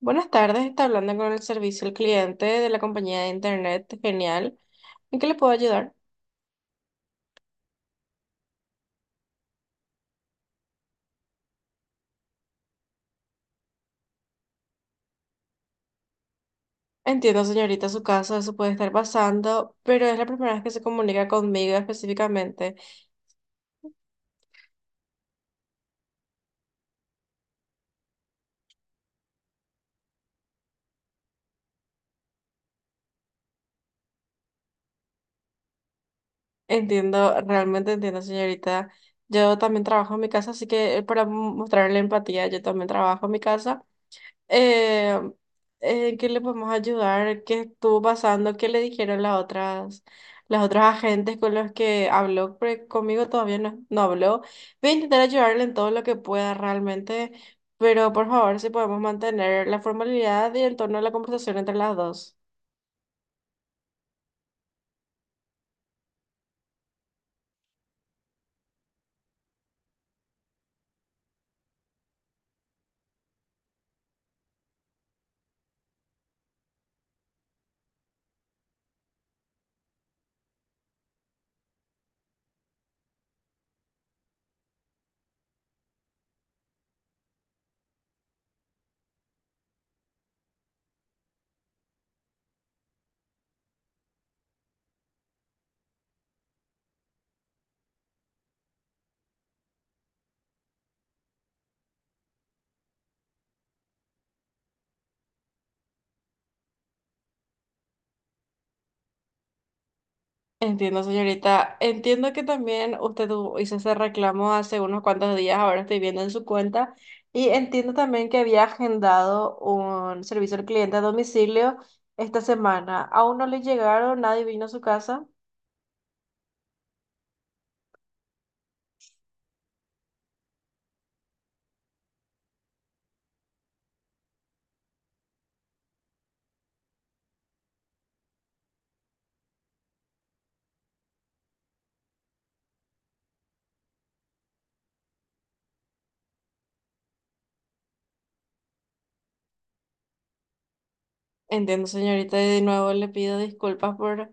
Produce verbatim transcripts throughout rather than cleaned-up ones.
Buenas tardes, está hablando con el servicio al cliente de la compañía de internet. Genial. ¿En qué le puedo ayudar? Entiendo, señorita, su caso, eso puede estar pasando, pero es la primera vez que se comunica conmigo específicamente. Entiendo, realmente entiendo, señorita. Yo también trabajo en mi casa, así que eh, para mo- mostrarle empatía, yo también trabajo en mi casa. Eh, eh, ¿Qué le podemos ayudar? ¿Qué estuvo pasando? ¿Qué le dijeron las otras, las otras agentes con los que habló? Porque conmigo todavía no, no habló. Voy a intentar ayudarle en todo lo que pueda realmente, pero por favor, si podemos mantener la formalidad y el tono de la conversación entre las dos. Entiendo, señorita. Entiendo que también usted tuvo- hizo ese reclamo hace unos cuantos días, ahora estoy viendo en su cuenta, y entiendo también que había agendado un servicio al cliente a domicilio esta semana. Aún no le llegaron, nadie vino a su casa. Entiendo, señorita, y de nuevo le pido disculpas por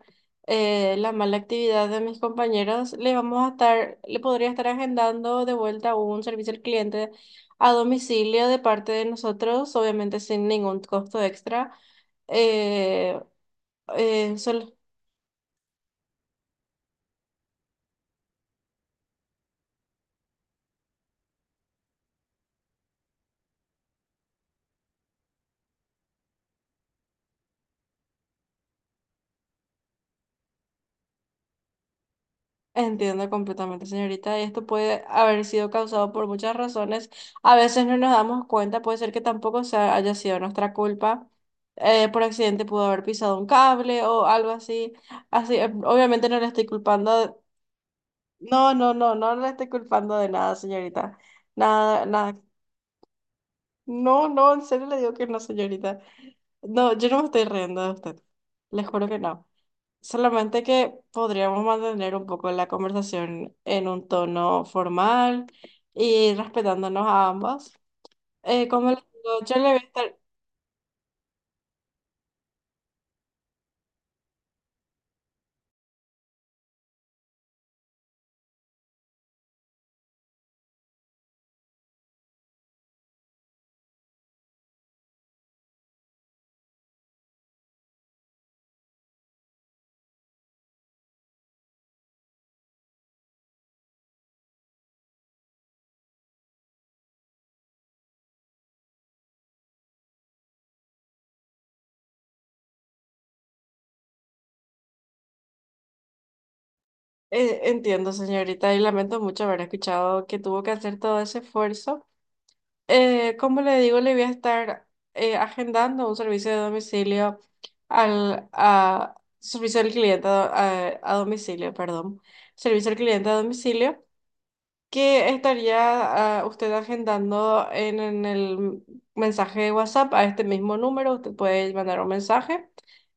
eh, la mala actividad de mis compañeros. Le vamos a estar, le podría estar agendando de vuelta un servicio al cliente a domicilio de parte de nosotros, obviamente sin ningún costo extra. Eh, eh, solo- Entiendo completamente, señorita. Y esto puede haber sido causado por muchas razones. A veces no nos damos cuenta, puede ser que tampoco sea- haya sido nuestra culpa. Eh, por accidente pudo haber pisado un cable o algo así. Así, eh, obviamente no le estoy culpando. de- No, no, no, no le estoy culpando de nada, señorita. Nada, nada. No, no, en serio le digo que no, señorita. No, yo no me estoy riendo de usted. Les juro que no. Solamente que podríamos mantener un poco la conversación en un tono formal y respetándonos a ambas. Eh, como le digo, yo le voy a estar, eh, entiendo, señorita, y lamento mucho haber escuchado que tuvo que hacer todo ese esfuerzo. Eh, como le digo, le voy a estar eh, agendando un servicio de domicilio al a, servicio al cliente a, a a domicilio, perdón, servicio al cliente a domicilio. ¿Qué estaría ah, usted agendando en, en el mensaje de WhatsApp a este mismo número? Usted puede mandar un mensaje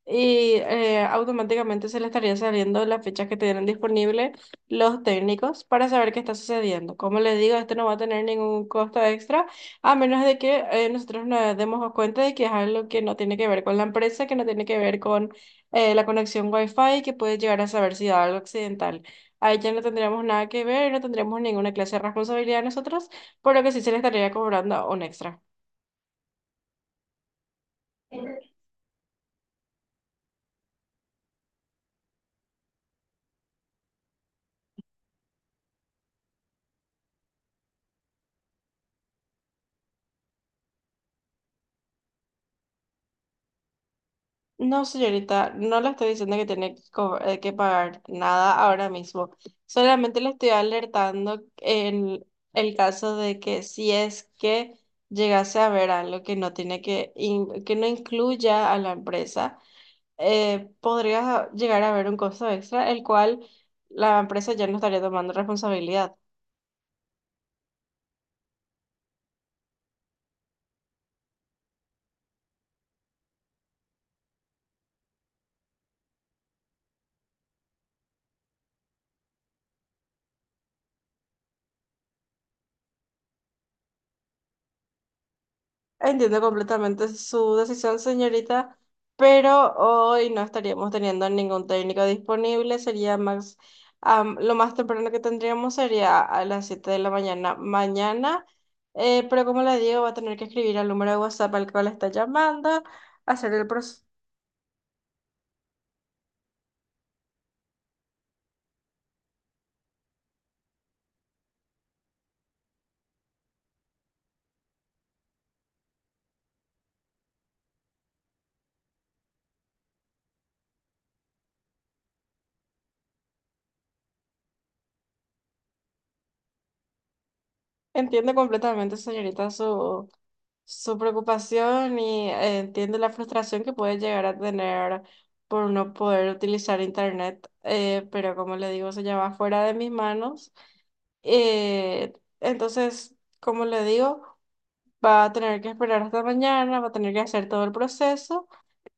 y eh, automáticamente se le estaría saliendo las fechas que tienen disponible los técnicos para saber qué está sucediendo. Como les digo, este no va a tener ningún costo extra, a menos de que eh, nosotros nos demos cuenta de que es algo que no tiene que ver con la empresa, que no tiene que ver con eh, la conexión Wi-Fi, que puede llegar a saber si da algo accidental. Ahí ya no tendríamos nada que ver, no tendríamos ninguna clase de responsabilidad nosotros, por lo que sí se le estaría cobrando un extra. No, señorita, no le estoy diciendo que tiene que, co- eh, que pagar nada ahora mismo. Solamente le estoy alertando en el caso de que si es que llegase a ver algo que no tiene que, in- que no incluya a la empresa, eh, podría llegar a haber un costo extra, el cual la empresa ya no estaría tomando responsabilidad. Entiendo completamente su decisión, señorita, pero hoy no estaríamos teniendo ningún técnico disponible. Sería más, am, lo más temprano que tendríamos sería a las siete de la mañana mañana. eh, pero como le digo, va a tener que escribir al número de WhatsApp al cual está llamando, hacer el proceso. Entiendo completamente, señorita, su, su preocupación y eh, entiendo la frustración que puede llegar a tener por no poder utilizar internet, eh, pero como le digo, se llama fuera de mis manos. Eh, entonces, como le digo, va a tener que esperar hasta mañana, va a tener que hacer todo el proceso,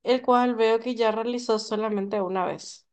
el cual veo que ya realizó solamente una vez.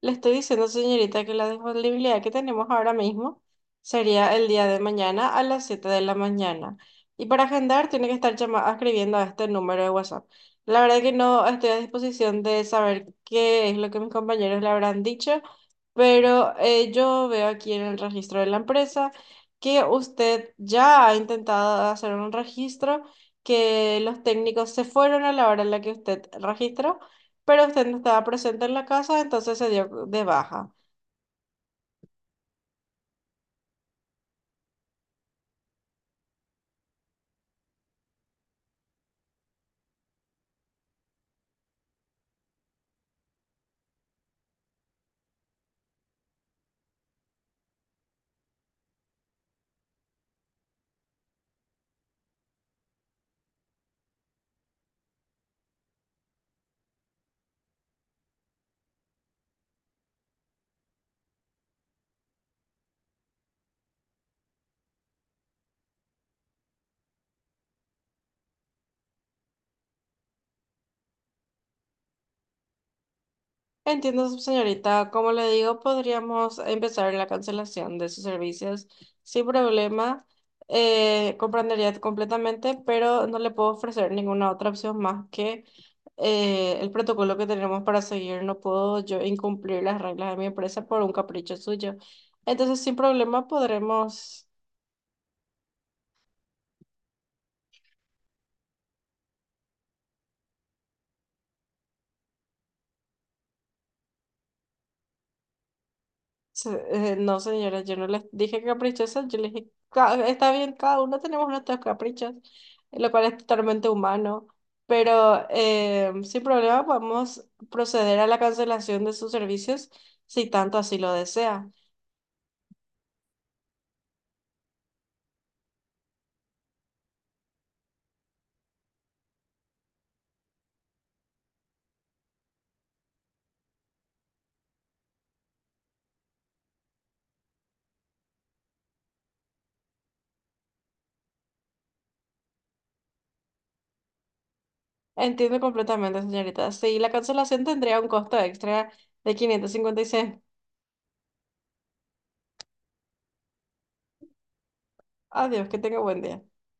Le estoy diciendo, señorita, que la disponibilidad que tenemos ahora mismo sería el día de mañana a las siete de la mañana. Y para agendar tiene que estar llama- escribiendo a este número de WhatsApp. La verdad que no estoy a disposición de saber qué es lo que mis compañeros le habrán dicho, pero eh, yo veo aquí en el registro de la empresa que usted ya ha intentado hacer un registro, que los técnicos se fueron a la hora en la que usted registró pero usted no estaba presente en la casa, entonces se dio de baja. Entiendo, señorita. Como le digo, podríamos empezar la cancelación de sus servicios sin problema. Eh, comprendería completamente, pero no le puedo ofrecer ninguna otra opción más que eh, el protocolo que tenemos para seguir. No puedo yo incumplir las reglas de mi empresa por un capricho suyo. Entonces, sin problema, podremos. Se- eh, no, señora, yo no les dije caprichosas, yo les dije, "Ca- está bien, cada uno tenemos nuestros caprichos, lo cual es totalmente humano, pero eh, sin problema podemos proceder a la cancelación de sus servicios si tanto así lo desea". Entiendo completamente, señorita. Sí, la cancelación tendría un costo extra de quinientos cincuenta y seis. Adiós, que tenga buen día.